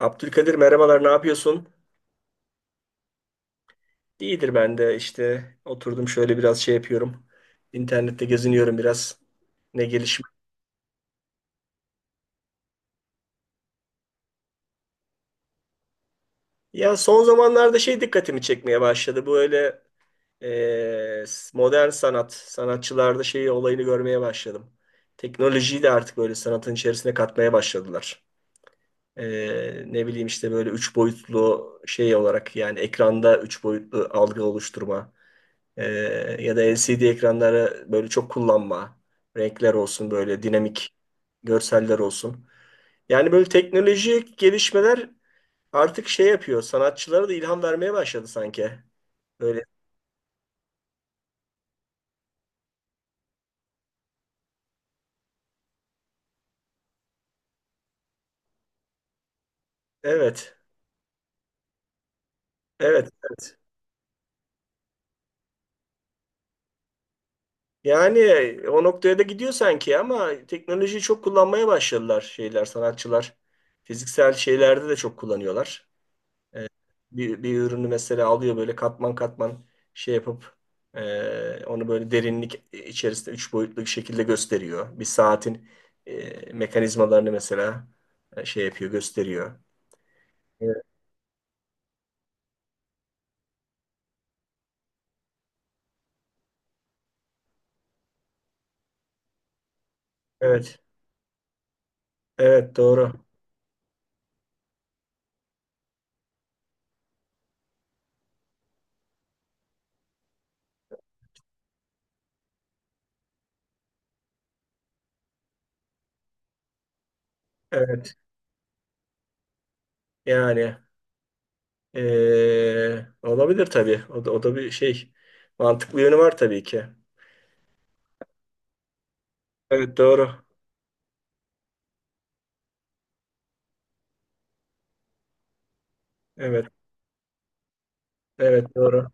Abdülkadir merhabalar, ne yapıyorsun? İyidir, ben de işte oturdum şöyle biraz yapıyorum. İnternette geziniyorum biraz. Ne gelişme. Ya son zamanlarda dikkatimi çekmeye başladı. Bu öyle e, modern sanat, sanatçılarda olayını görmeye başladım. Teknolojiyi de artık böyle sanatın içerisine katmaya başladılar. Ne bileyim işte böyle üç boyutlu olarak, yani ekranda üç boyutlu algı oluşturma. Ee, Ya da LCD ekranları böyle çok kullanma. Renkler olsun böyle dinamik, görseller olsun. Yani böyle teknolojik gelişmeler artık yapıyor. Sanatçılara da ilham vermeye başladı sanki. Böyle evet. Evet, evet. Yani o noktaya da gidiyor sanki, ama teknolojiyi çok kullanmaya başladılar sanatçılar. Fiziksel şeylerde de çok kullanıyorlar. E, bir ürünü mesela alıyor, böyle katman katman yapıp, onu böyle derinlik içerisinde üç boyutlu bir şekilde gösteriyor. Bir saatin mekanizmalarını mesela yapıyor, gösteriyor. Evet, evet, evet, doğru. Evet, yani olabilir tabii. O da bir şey. Mantıklı yönü var tabii ki. Evet, doğru. Evet, evet, doğru.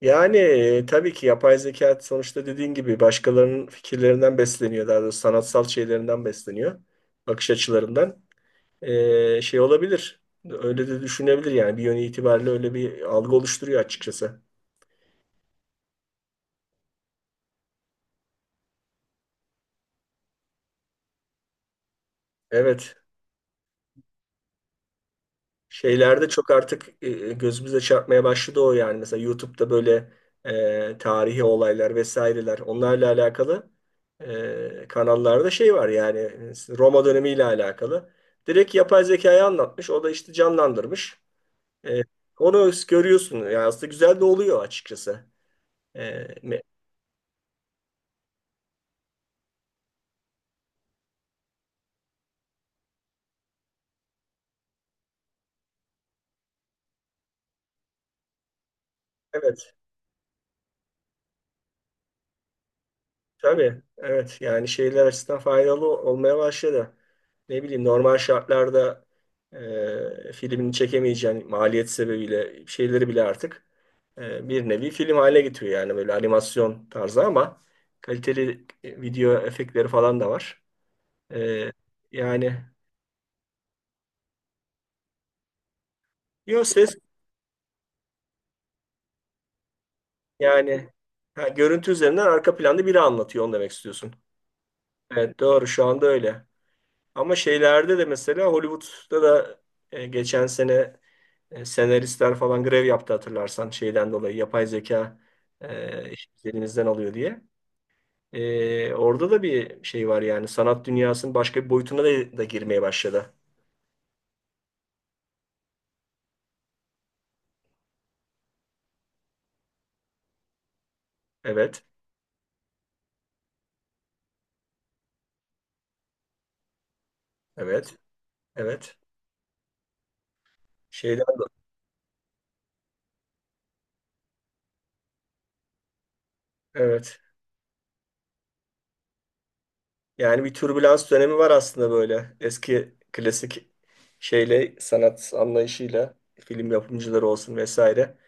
Yani tabii ki yapay zeka sonuçta dediğin gibi başkalarının fikirlerinden besleniyor. Daha doğrusu sanatsal şeylerinden besleniyor. Bakış açılarından. Olabilir. Öyle de düşünebilir yani. Bir yönü itibariyle öyle bir algı oluşturuyor açıkçası. Evet. Şeylerde çok artık gözümüze çarpmaya başladı o yani. Mesela YouTube'da böyle tarihi olaylar vesaireler, onlarla alakalı kanallarda var yani, Roma dönemiyle alakalı. Direkt yapay zekayı anlatmış. O da işte canlandırmış. E, onu görüyorsun. Yani aslında güzel de oluyor açıkçası. E, me- evet. Tabii, evet. Yani şeyler açısından faydalı olmaya başladı. Ne bileyim, normal şartlarda filmini çekemeyeceğin maliyet sebebiyle şeyleri bile artık bir nevi film haline getiriyor, yani böyle animasyon tarzı ama kaliteli video efektleri falan da var. E, yani yo, ses yani. Ha, görüntü üzerinden arka planda biri anlatıyor, onu demek istiyorsun. Evet, doğru, şu anda öyle. Ama şeylerde de mesela Hollywood'da da geçen sene senaristler falan grev yaptı, hatırlarsan, şeyden dolayı yapay zeka işimizi elimizden alıyor diye. Orada da bir şey var, yani sanat dünyasının başka bir boyutuna da girmeye başladı. Evet, evet, evet. Şeyden dolayı. Evet. Yani bir türbülans dönemi var aslında, böyle eski klasik sanat anlayışıyla film yapımcıları olsun vesaire.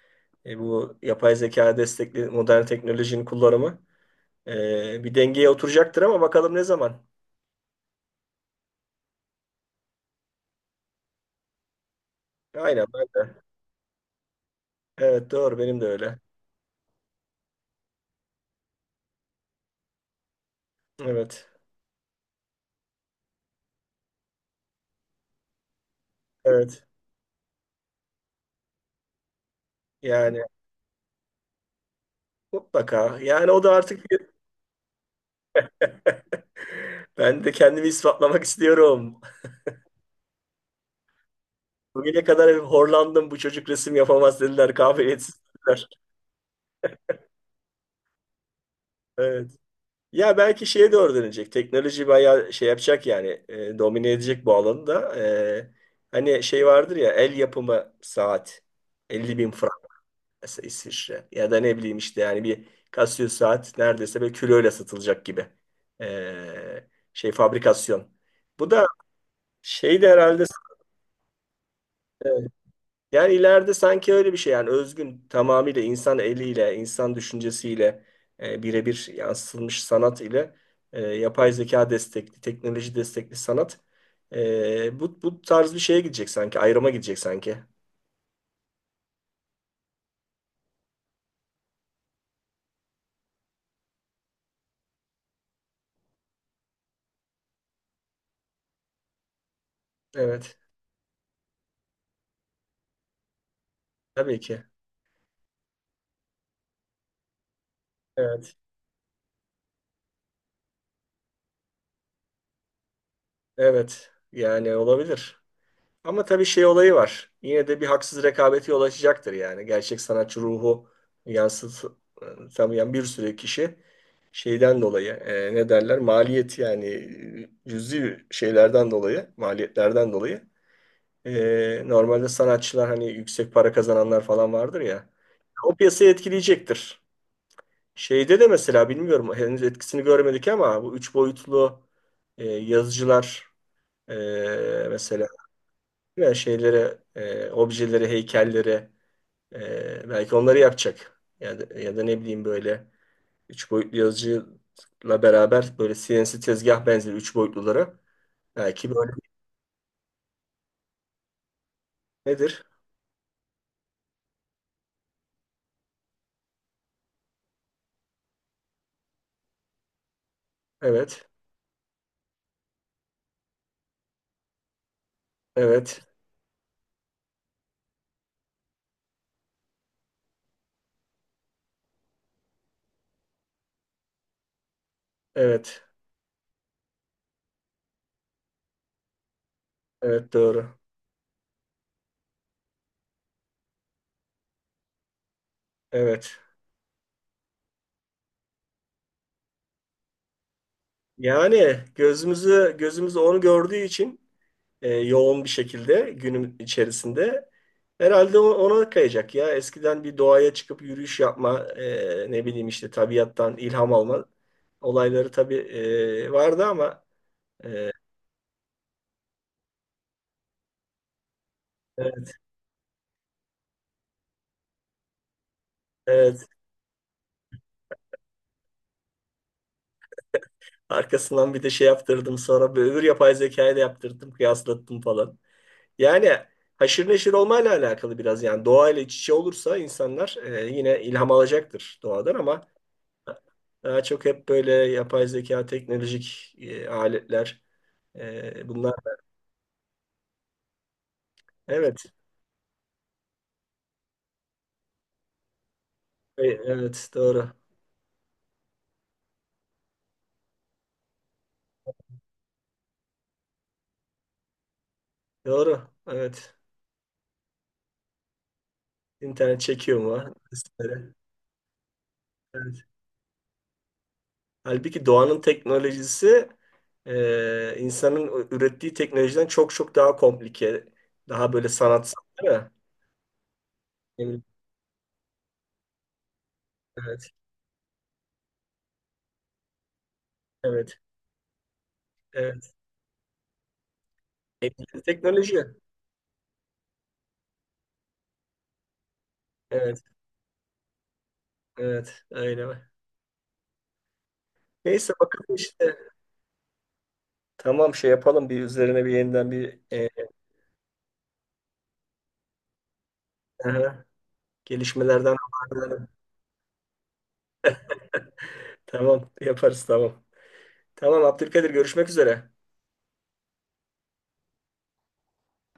Bu yapay zeka destekli modern teknolojinin kullanımı bir dengeye oturacaktır, ama bakalım ne zaman. Aynen, ben de. Evet, doğru, benim de öyle. Evet. Evet. Yani mutlaka. Yani o da artık bir- ben de kendimi ispatlamak istiyorum. Bugüne kadar hep horlandım, bu çocuk resim yapamaz dediler. Kabiliyetsiz dediler. Evet. Ya belki şeye doğru dönecek. Teknoloji bayağı şey yapacak yani. Domine edecek bu alanı da. Hani şey vardır ya, el yapımı saat. 50.000 frank mesela, İsviçre. Ya da ne bileyim işte, yani bir Casio saat neredeyse böyle kiloyla satılacak gibi. E, şey fabrikasyon. Bu da şey de herhalde e, yani ileride sanki öyle bir şey, yani özgün tamamıyla insan eliyle, insan düşüncesiyle birebir yansıtılmış sanat ile yapay zeka destekli, teknoloji destekli sanat bu tarz bir şeye gidecek sanki, ayrıma gidecek sanki. Evet, tabii ki. Evet, evet, yani olabilir. Ama tabii şey olayı var. Yine de bir haksız rekabeti yol açacaktır yani. Gerçek sanatçı ruhu yansıtamayan bir sürü kişi şeyden dolayı, ne derler, maliyet yani, cüzi şeylerden dolayı, maliyetlerden dolayı normalde sanatçılar, hani yüksek para kazananlar falan vardır ya, o piyasayı etkileyecektir. Şeyde de mesela, bilmiyorum, henüz etkisini görmedik ama bu üç boyutlu yazıcılar, e, mesela veya şeylere, objelere, heykellere, belki onları yapacak. Ya da ne bileyim, böyle üç boyutlu yazıcıyla beraber böyle CNC tezgah benzeri üç boyutlulara belki böyle nedir? Evet, evet, evet, evet, doğru. Evet. Yani gözümüz onu gördüğü için yoğun bir şekilde günüm içerisinde. Herhalde o- ona kayacak ya. Eskiden bir doğaya çıkıp yürüyüş yapma, ne bileyim işte tabiattan ilham alma olayları tabii vardı ama e, evet, evet. Arkasından bir de şey yaptırdım, sonra bir öbür yapay zekayla yaptırdım, kıyaslattım falan. Yani haşır neşir olmayla alakalı biraz, yani doğayla iç içe olursa insanlar yine ilham alacaktır doğadan ama daha çok hep böyle yapay zeka, teknolojik aletler. Bunlar evet. Evet, doğru. Doğru. Evet. İnternet çekiyor mu? Vesaire. Evet. Halbuki doğanın teknolojisi insanın ürettiği teknolojiden çok çok daha komplike. Daha böyle sanatsal değil mi? Emin- Evet. Evet. Evet. E, teknoloji. Evet. Evet. Öyle. Neyse, bakalım işte. Tamam, şey yapalım, bir üzerine bir yeniden bir aha, gelişmelerden haberdarım. Tamam, yaparız, tamam. Tamam Abdülkadir, görüşmek üzere.